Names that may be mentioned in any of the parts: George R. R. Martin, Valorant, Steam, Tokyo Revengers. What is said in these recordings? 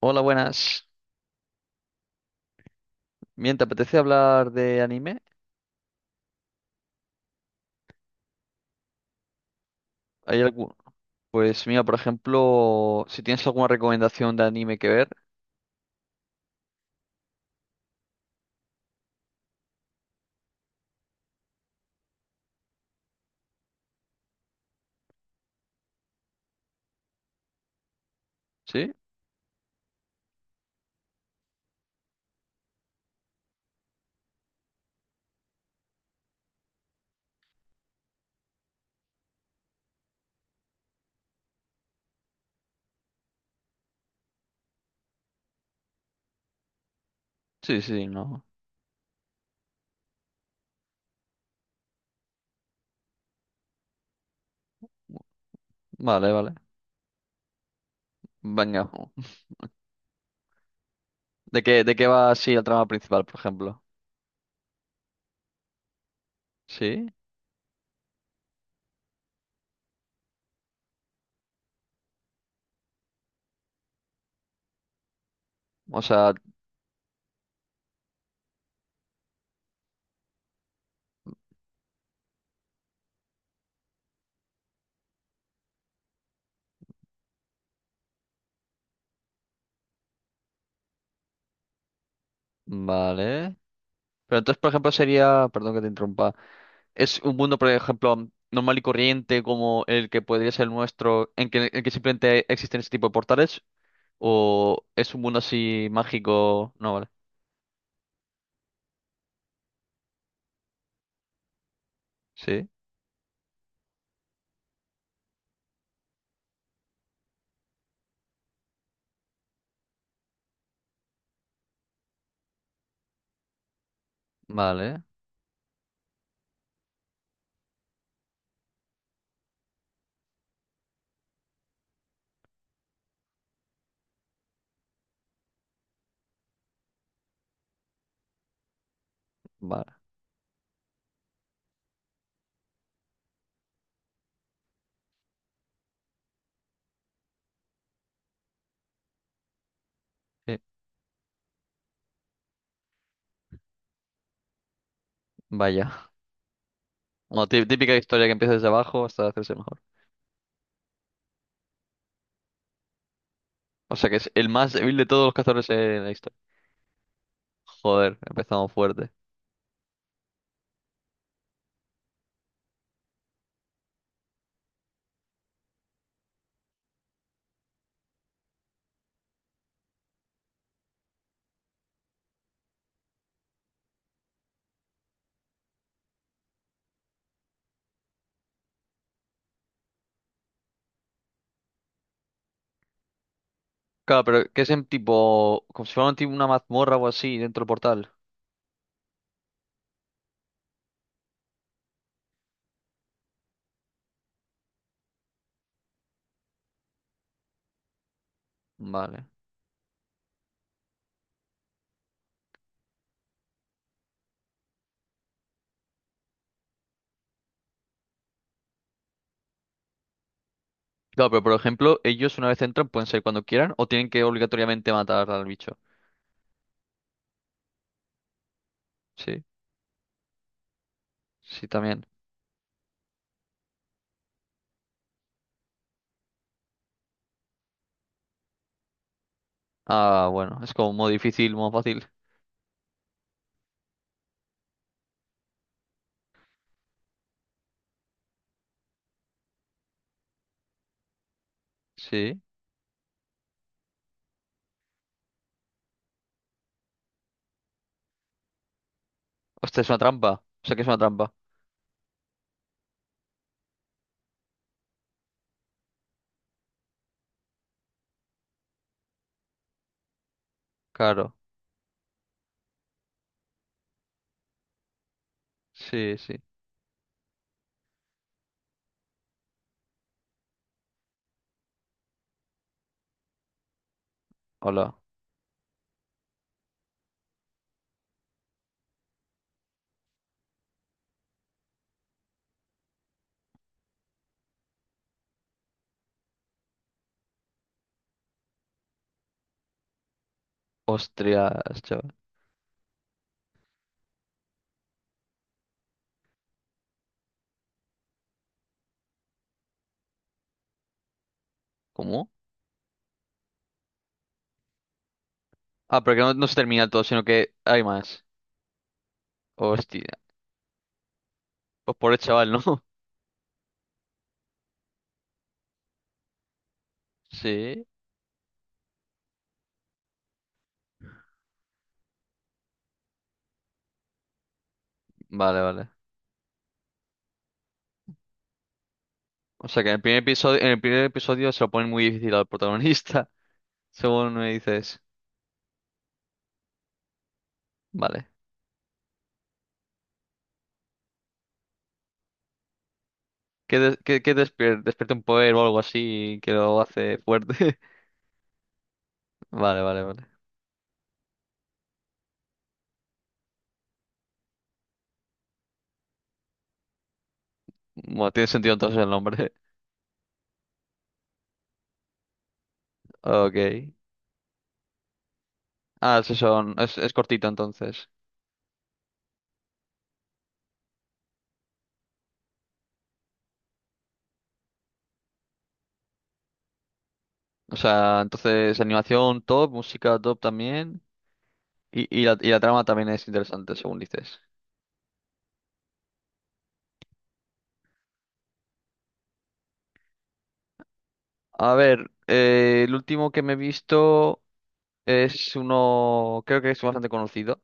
Hola, buenas. Bien, ¿te apetece hablar de anime? ¿Hay algún? Pues mira, por ejemplo, si tienes alguna recomendación de anime que ver. ¿Sí? Sí, sí, no. Vale, vale. Venga. De qué va así el trama principal, por ejemplo? ¿Sí? O sea, vale. Pero entonces, por ejemplo, sería, perdón que te interrumpa, ¿es un mundo, por ejemplo, normal y corriente como el que podría ser el nuestro, en que simplemente existen ese tipo de portales, o es un mundo así mágico? No, vale. Sí. Vale, vale. Sí, vaya. Bueno, típica historia que empieza desde abajo hasta hacerse mejor. O sea que es el más débil de todos los cazadores en la historia. Joder, empezamos fuerte. Claro, pero que es en tipo. Como si fuera un tipo una mazmorra o así dentro del portal. Vale. Claro, pero por ejemplo, ellos una vez entran pueden salir cuando quieran o tienen que obligatoriamente matar al bicho. Sí, sí, también. Ah, bueno, es como modo difícil, modo fácil. Sí. Hostia, es una trampa. O sea que es una trampa. Claro. Sí, sí. Hola. Ostras, chaval. ¿Cómo? Ah, pero que no, no se termina todo, sino que hay más. Hostia. Pues por el chaval, ¿no? Sí. Vale, vale. O sea que en el primer episodio, en el primer episodio se lo ponen muy difícil al protagonista, según me dices. Vale. Que, despierte un poder o algo así que lo hace fuerte. Vale, vale, vale. Bueno, tiene sentido entonces el nombre. Ok. Ah, sí, son, es cortito entonces. O sea, entonces animación top, música top también. Y la trama también es interesante, según dices. A ver, el último que me he visto es uno, creo que es bastante conocido,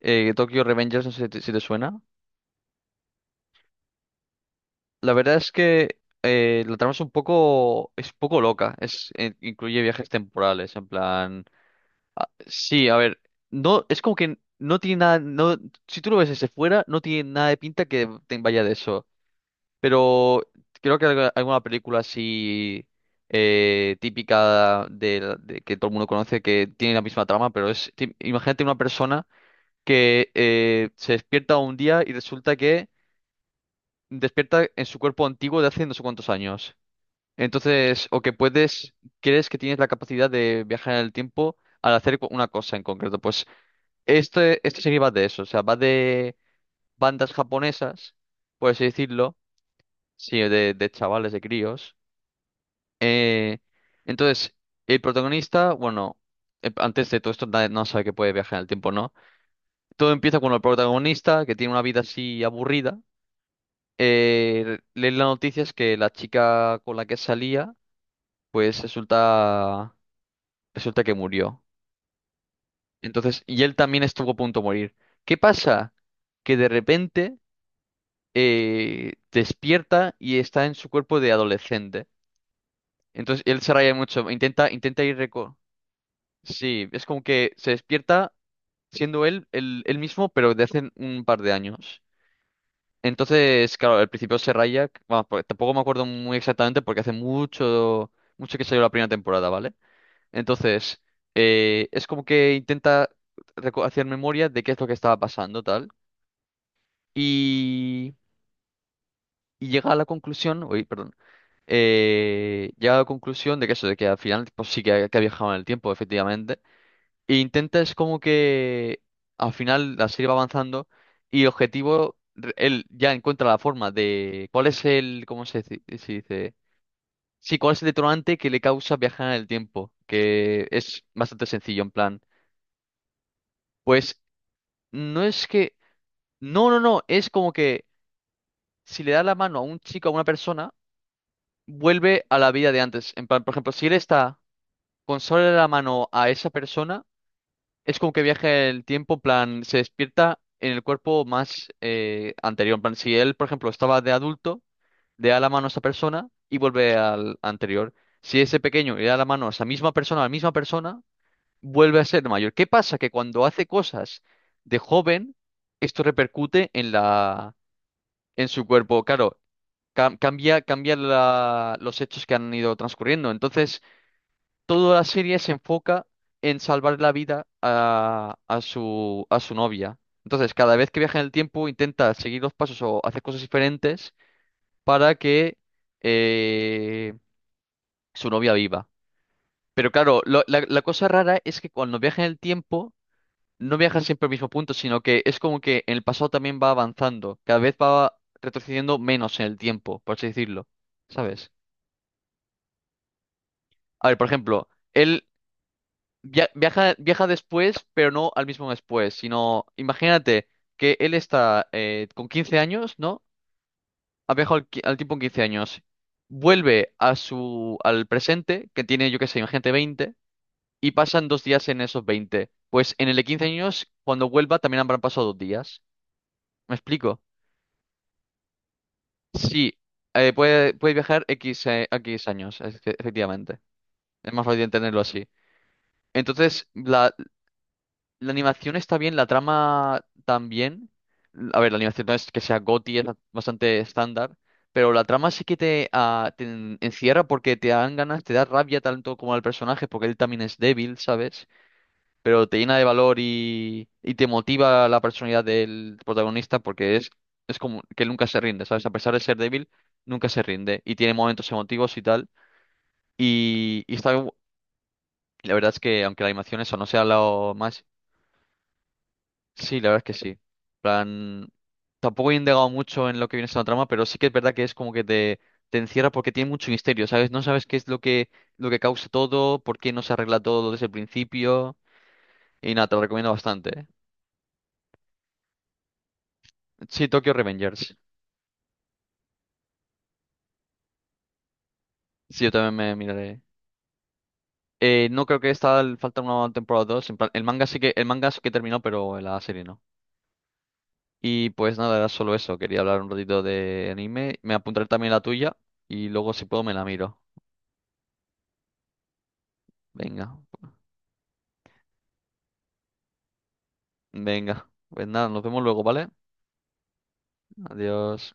Tokyo Revengers, no sé si te, si te suena. La verdad es que la trama es un poco loca, es, incluye viajes temporales, en plan, sí, a ver, no, es como que no tiene nada, no, si tú lo ves desde fuera, no tiene nada de pinta que te vaya de eso. Pero creo que alguna película así típica de que todo el mundo conoce que tiene la misma trama, pero es imagínate una persona que se despierta un día y resulta que despierta en su cuerpo antiguo de hace no sé cuántos años. Entonces, o que puedes, crees que tienes la capacidad de viajar en el tiempo al hacer una cosa en concreto. Pues este serie va de eso, o sea, va de bandas japonesas, por así decirlo, sí, de chavales, de críos. Eh, entonces, el protagonista, bueno, antes de todo esto no sabe que puede viajar en el tiempo, ¿no? Todo empieza con el protagonista, que tiene una vida así aburrida. Lee las noticias que la chica con la que salía, pues resulta, resulta que murió. Entonces, y él también estuvo a punto de morir. ¿Qué pasa? Que de repente despierta y está en su cuerpo de adolescente. Entonces, él se raya mucho, intenta ir sí, es como que se despierta siendo él el mismo, pero de hace un par de años. Entonces, claro, al principio se raya, vamos, porque tampoco me acuerdo muy exactamente porque hace mucho, mucho que salió la primera temporada, ¿vale? Entonces, es como que intenta hacer memoria de qué es lo que estaba pasando, tal, y, y llega a la conclusión, uy, perdón, llega a la conclusión de que eso, de que al final, pues sí que ha viajado en el tiempo, efectivamente. E intentas como que al final la serie va avanzando y el objetivo, él ya encuentra la forma de cuál es el, ¿cómo se dice? ¿Se dice? Sí, cuál es el detonante que le causa viajar en el tiempo, que es bastante sencillo en plan. Pues no es que, no, no, no, es como que si le da la mano a un chico, a una persona, vuelve a la vida de antes. En plan, por ejemplo, si él está con solo la mano a esa persona, es como que viaja el tiempo, en plan, se despierta en el cuerpo más anterior. En plan, si él, por ejemplo, estaba de adulto, le da la mano a esa persona y vuelve al anterior. Si ese pequeño le da la mano a esa misma persona, a la misma persona, vuelve a ser mayor. ¿Qué pasa? Que cuando hace cosas de joven, esto repercute en la, en su cuerpo. Claro, cambia, cambia los hechos que han ido transcurriendo. Entonces, toda la serie se enfoca en salvar la vida a su novia. Entonces, cada vez que viaja en el tiempo, intenta seguir los pasos o hacer cosas diferentes para que eh, su novia viva. Pero claro, la, la cosa rara es que cuando viaja en el tiempo, no viaja siempre al mismo punto, sino que es como que en el pasado también va avanzando. Cada vez va retrocediendo menos en el tiempo, por así decirlo. ¿Sabes? A ver, por ejemplo. Él viaja, viaja después, pero no al mismo después, sino imagínate que él está con 15 años, ¿no? Ha viajado al, al tiempo en 15 años. Vuelve a su, al presente, que tiene, yo qué sé, imagínate 20 y pasan 2 días en esos 20. Pues en el de 15 años, cuando vuelva, también habrán pasado 2 días. ¿Me explico? Sí, puede, puede viajar X, X años, efectivamente. Es más fácil entenderlo así. Entonces, la animación está bien, la trama también. A ver, la animación no es que sea GOTY, es bastante estándar, pero la trama sí que te, ah, te encierra porque te dan ganas, te da rabia tanto como al personaje, porque él también es débil, ¿sabes? Pero te llena de valor y te motiva la personalidad del protagonista porque es como que él nunca se rinde, ¿sabes? A pesar de ser débil, nunca se rinde y tiene momentos emotivos y tal. Y está, la verdad es que aunque la animación eso no sea lo más. Sí, la verdad es que sí. Plan, tampoco he indagado mucho en lo que viene siendo la trama, pero sí que es verdad que es como que te encierra porque tiene mucho misterio, ¿sabes? No sabes qué es lo que causa todo, por qué no se arregla todo desde el principio. Y nada, te lo recomiendo bastante. Sí, Tokyo Revengers. Sí, yo también me miraré. No creo que esta falta una temporada dos. En plan, el manga sí que, el manga sí que terminó, pero la serie no. Y pues nada, era solo eso. Quería hablar un ratito de anime. Me apuntaré también la tuya y luego si puedo me la miro. Venga. Venga, pues nada, nos vemos luego, ¿vale? Adiós.